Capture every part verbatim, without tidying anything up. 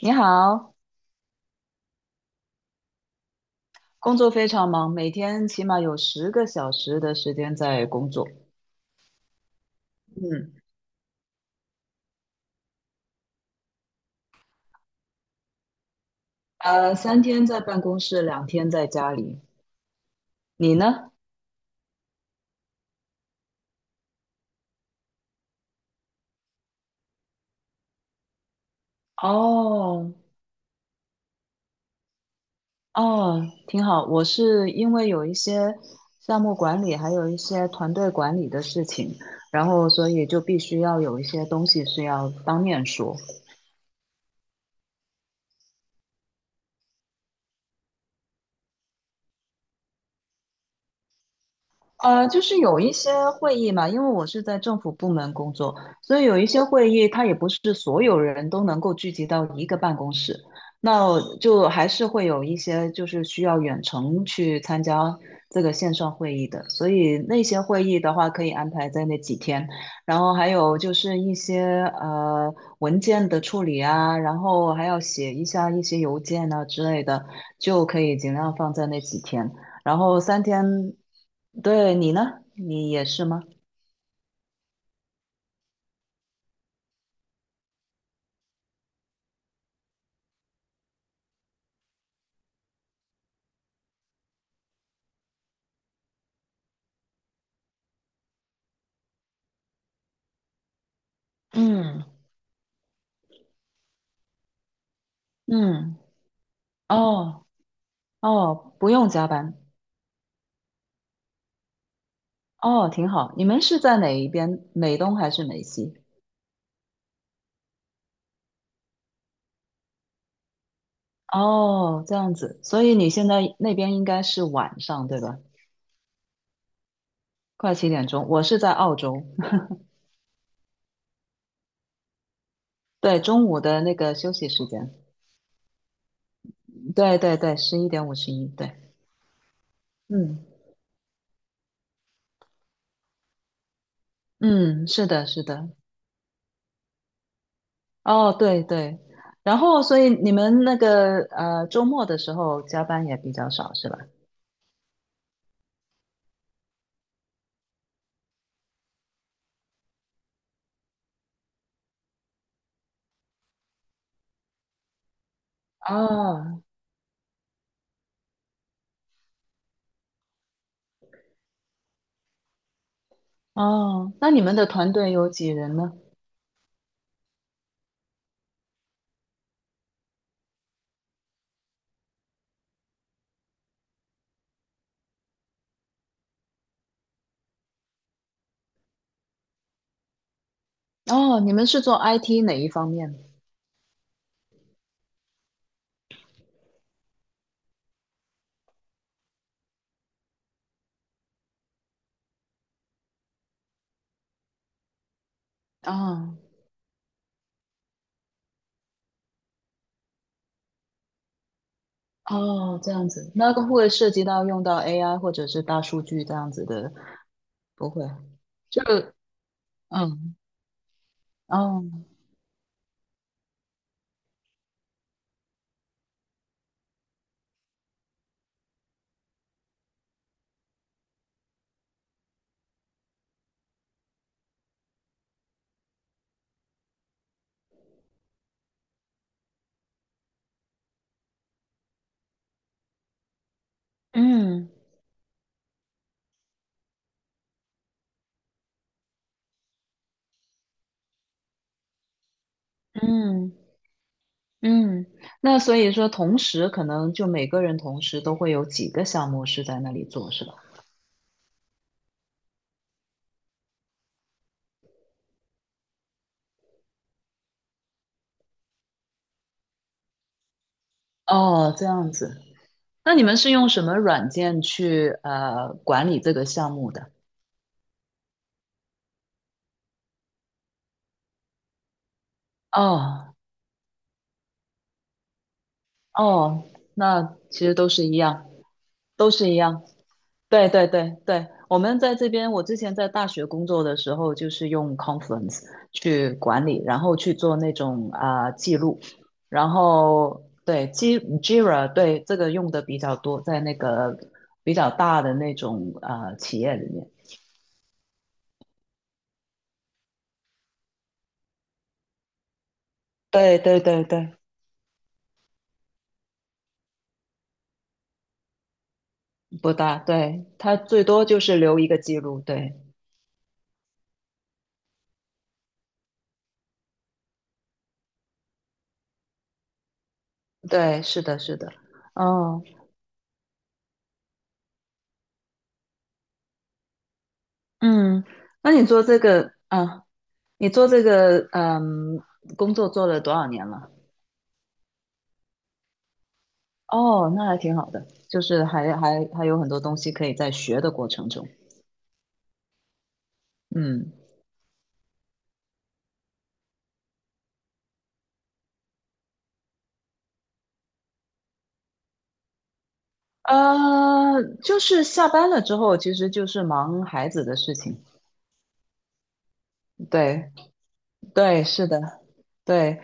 你好，工作非常忙，每天起码有十个小时的时间在工作。嗯，呃，三天在办公室，两天在家里。你呢？哦哦，挺好。我是因为有一些项目管理，还有一些团队管理的事情，然后所以就必须要有一些东西是要当面说。呃，就是有一些会议嘛，因为我是在政府部门工作，所以有一些会议，它也不是所有人都能够聚集到一个办公室，那就还是会有一些就是需要远程去参加这个线上会议的，所以那些会议的话可以安排在那几天，然后还有就是一些呃文件的处理啊，然后还要写一下一些邮件啊之类的，就可以尽量放在那几天。然后三天。对你呢？你也是吗？嗯嗯，哦哦，不用加班，哦，挺好。你们是在哪一边？美东还是美西？哦，这样子，所以你现在那边应该是晚上，对吧？快七点钟，我是在澳洲，对，中午的那个休息时间，对对对，十一点五十一，对，嗯嗯，是的，是的，哦，对对，然后所以你们那个呃周末的时候加班也比较少，是吧？哦，哦，那你们的团队有几人呢？哦，你们是做 I T 哪一方面？哦哦，这样子，那个会涉及到用到 A I 或者是大数据这样子的，不会，就嗯哦嗯嗯嗯，那所以说，同时可能就每个人同时都会有几个项目是在那里做，是吧？哦，这样子，那你们是用什么软件去呃管理这个项目的？哦哦，那其实都是一样，都是一样。对对对对，我们在这边，我之前在大学工作的时候，就是用 Confluence 去管理，然后去做那种啊、记录，然后对 G Jira 对这个用的比较多，在那个比较大的那种啊企业里面。对对对对，不大，对，它最多就是留一个记录。对对，是的，是的。哦，嗯，那你做这个，啊？你做这个嗯工作做了多少年了？哦，那还挺好的，就是还还还有很多东西可以在学的过程中。嗯，呃，就是下班了之后，其实就是忙孩子的事情。对对，是的，对。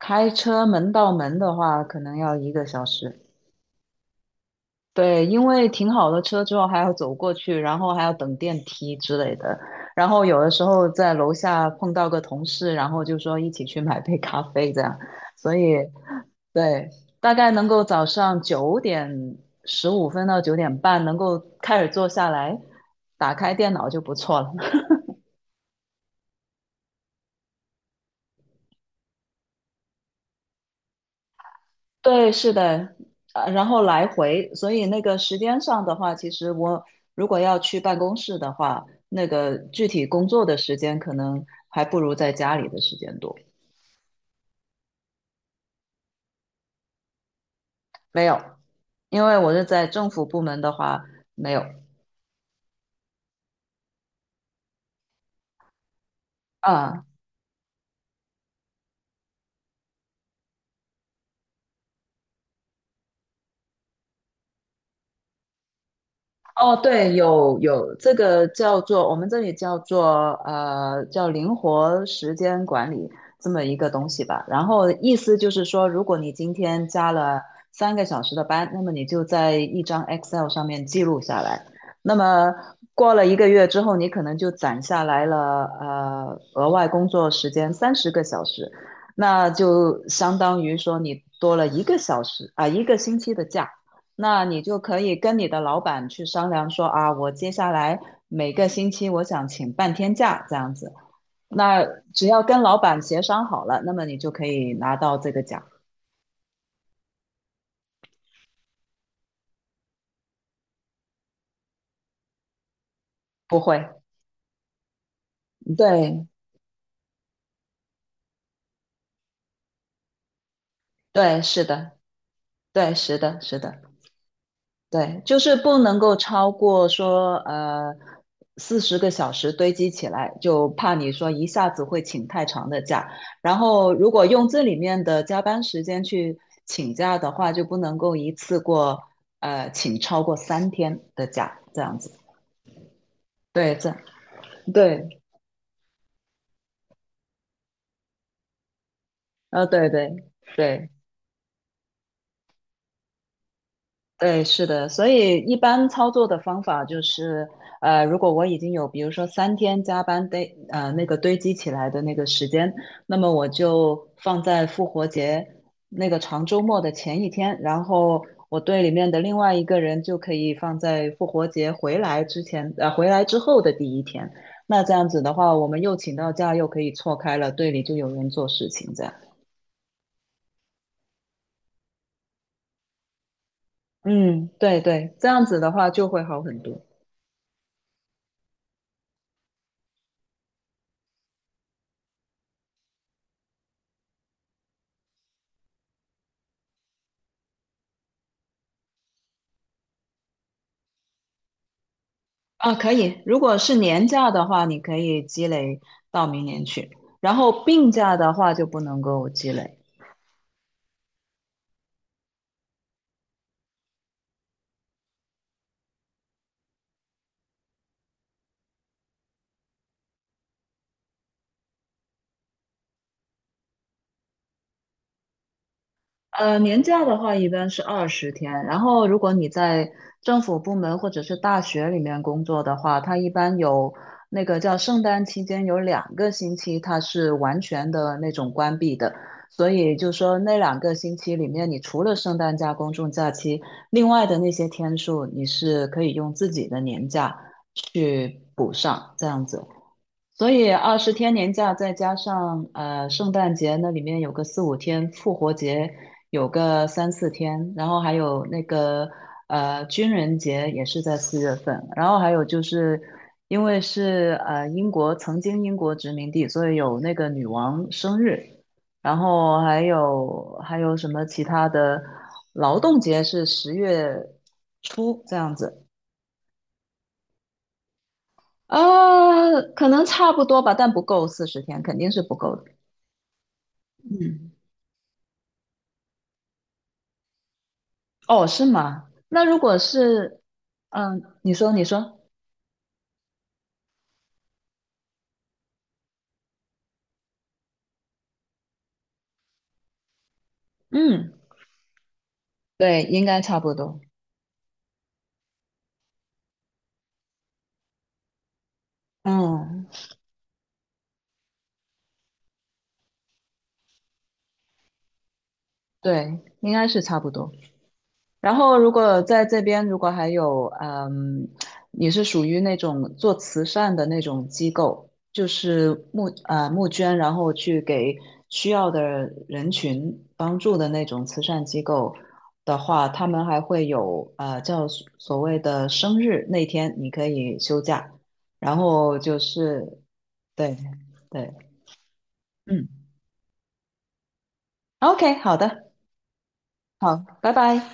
开车门到门的话，可能要一个小时。对，因为停好了车之后还要走过去，然后还要等电梯之类的。然后有的时候在楼下碰到个同事，然后就说一起去买杯咖啡这样。所以对，大概能够早上九点十五分到九点半能够开始坐下来，打开电脑就不错了。对，是的，呃，然后来回，所以那个时间上的话，其实我如果要去办公室的话，那个具体工作的时间可能还不如在家里的时间多。没有，因为我是在政府部门的话，没有啊，哦，对，有有这个叫做我们这里叫做呃叫灵活时间管理这么一个东西吧。然后意思就是说，如果你今天加了三个小时的班，那么你就在一张 Excel 上面记录下来。那么过了一个月之后，你可能就攒下来了呃额外工作时间三十个小时，那就相当于说你多了一个小时啊、一个星期的假。那你就可以跟你的老板去商量说啊，我接下来每个星期我想请半天假这样子。那只要跟老板协商好了，那么你就可以拿到这个奖。不会，嗯对对，是的，对，是的，是的。对，就是不能够超过说呃四十个小时堆积起来，就怕你说一下子会请太长的假。然后如果用这里面的加班时间去请假的话，就不能够一次过呃请超过三天的假，这样子。对，这对，呃，对对对。对，是的，所以一般操作的方法就是，呃，如果我已经有，比如说三天加班堆，呃，那个堆积起来的那个时间，那么我就放在复活节那个长周末的前一天，然后我队里面的另外一个人就可以放在复活节回来之前，呃，回来之后的第一天。那这样子的话，我们又请到假，又可以错开了，队里就有人做事情，这样。嗯，对对，这样子的话就会好很多。啊，可以。如果是年假的话，你可以积累到明年去，然后病假的话就不能够积累。呃，年假的话一般是二十天，然后如果你在政府部门或者是大学里面工作的话，它一般有那个叫圣诞期间有两个星期，它是完全的那种关闭的，所以就说那两个星期里面，你除了圣诞假、公众假期，另外的那些天数，你是可以用自己的年假去补上，这样子。所以二十天年假，再加上呃圣诞节那里面有个四五天，复活节有个三四天，然后还有那个呃军人节也是在四月份，然后还有就是因为是呃英国曾经英国殖民地，所以有那个女王生日，然后还有还有什么其他的劳动节是十月初这样子。呃，可能差不多吧，但不够四十天，肯定是不够的。嗯，哦，是吗？那如果是，嗯，你说，你说，嗯，对，应该差不多，嗯，对，应该是差不多。然后，如果在这边，如果还有，嗯，你是属于那种做慈善的那种机构，就是募呃募捐，然后去给需要的人群帮助的那种慈善机构的话，他们还会有呃叫所所谓的生日那天你可以休假，然后就是对对，嗯，OK，好的，好，拜拜。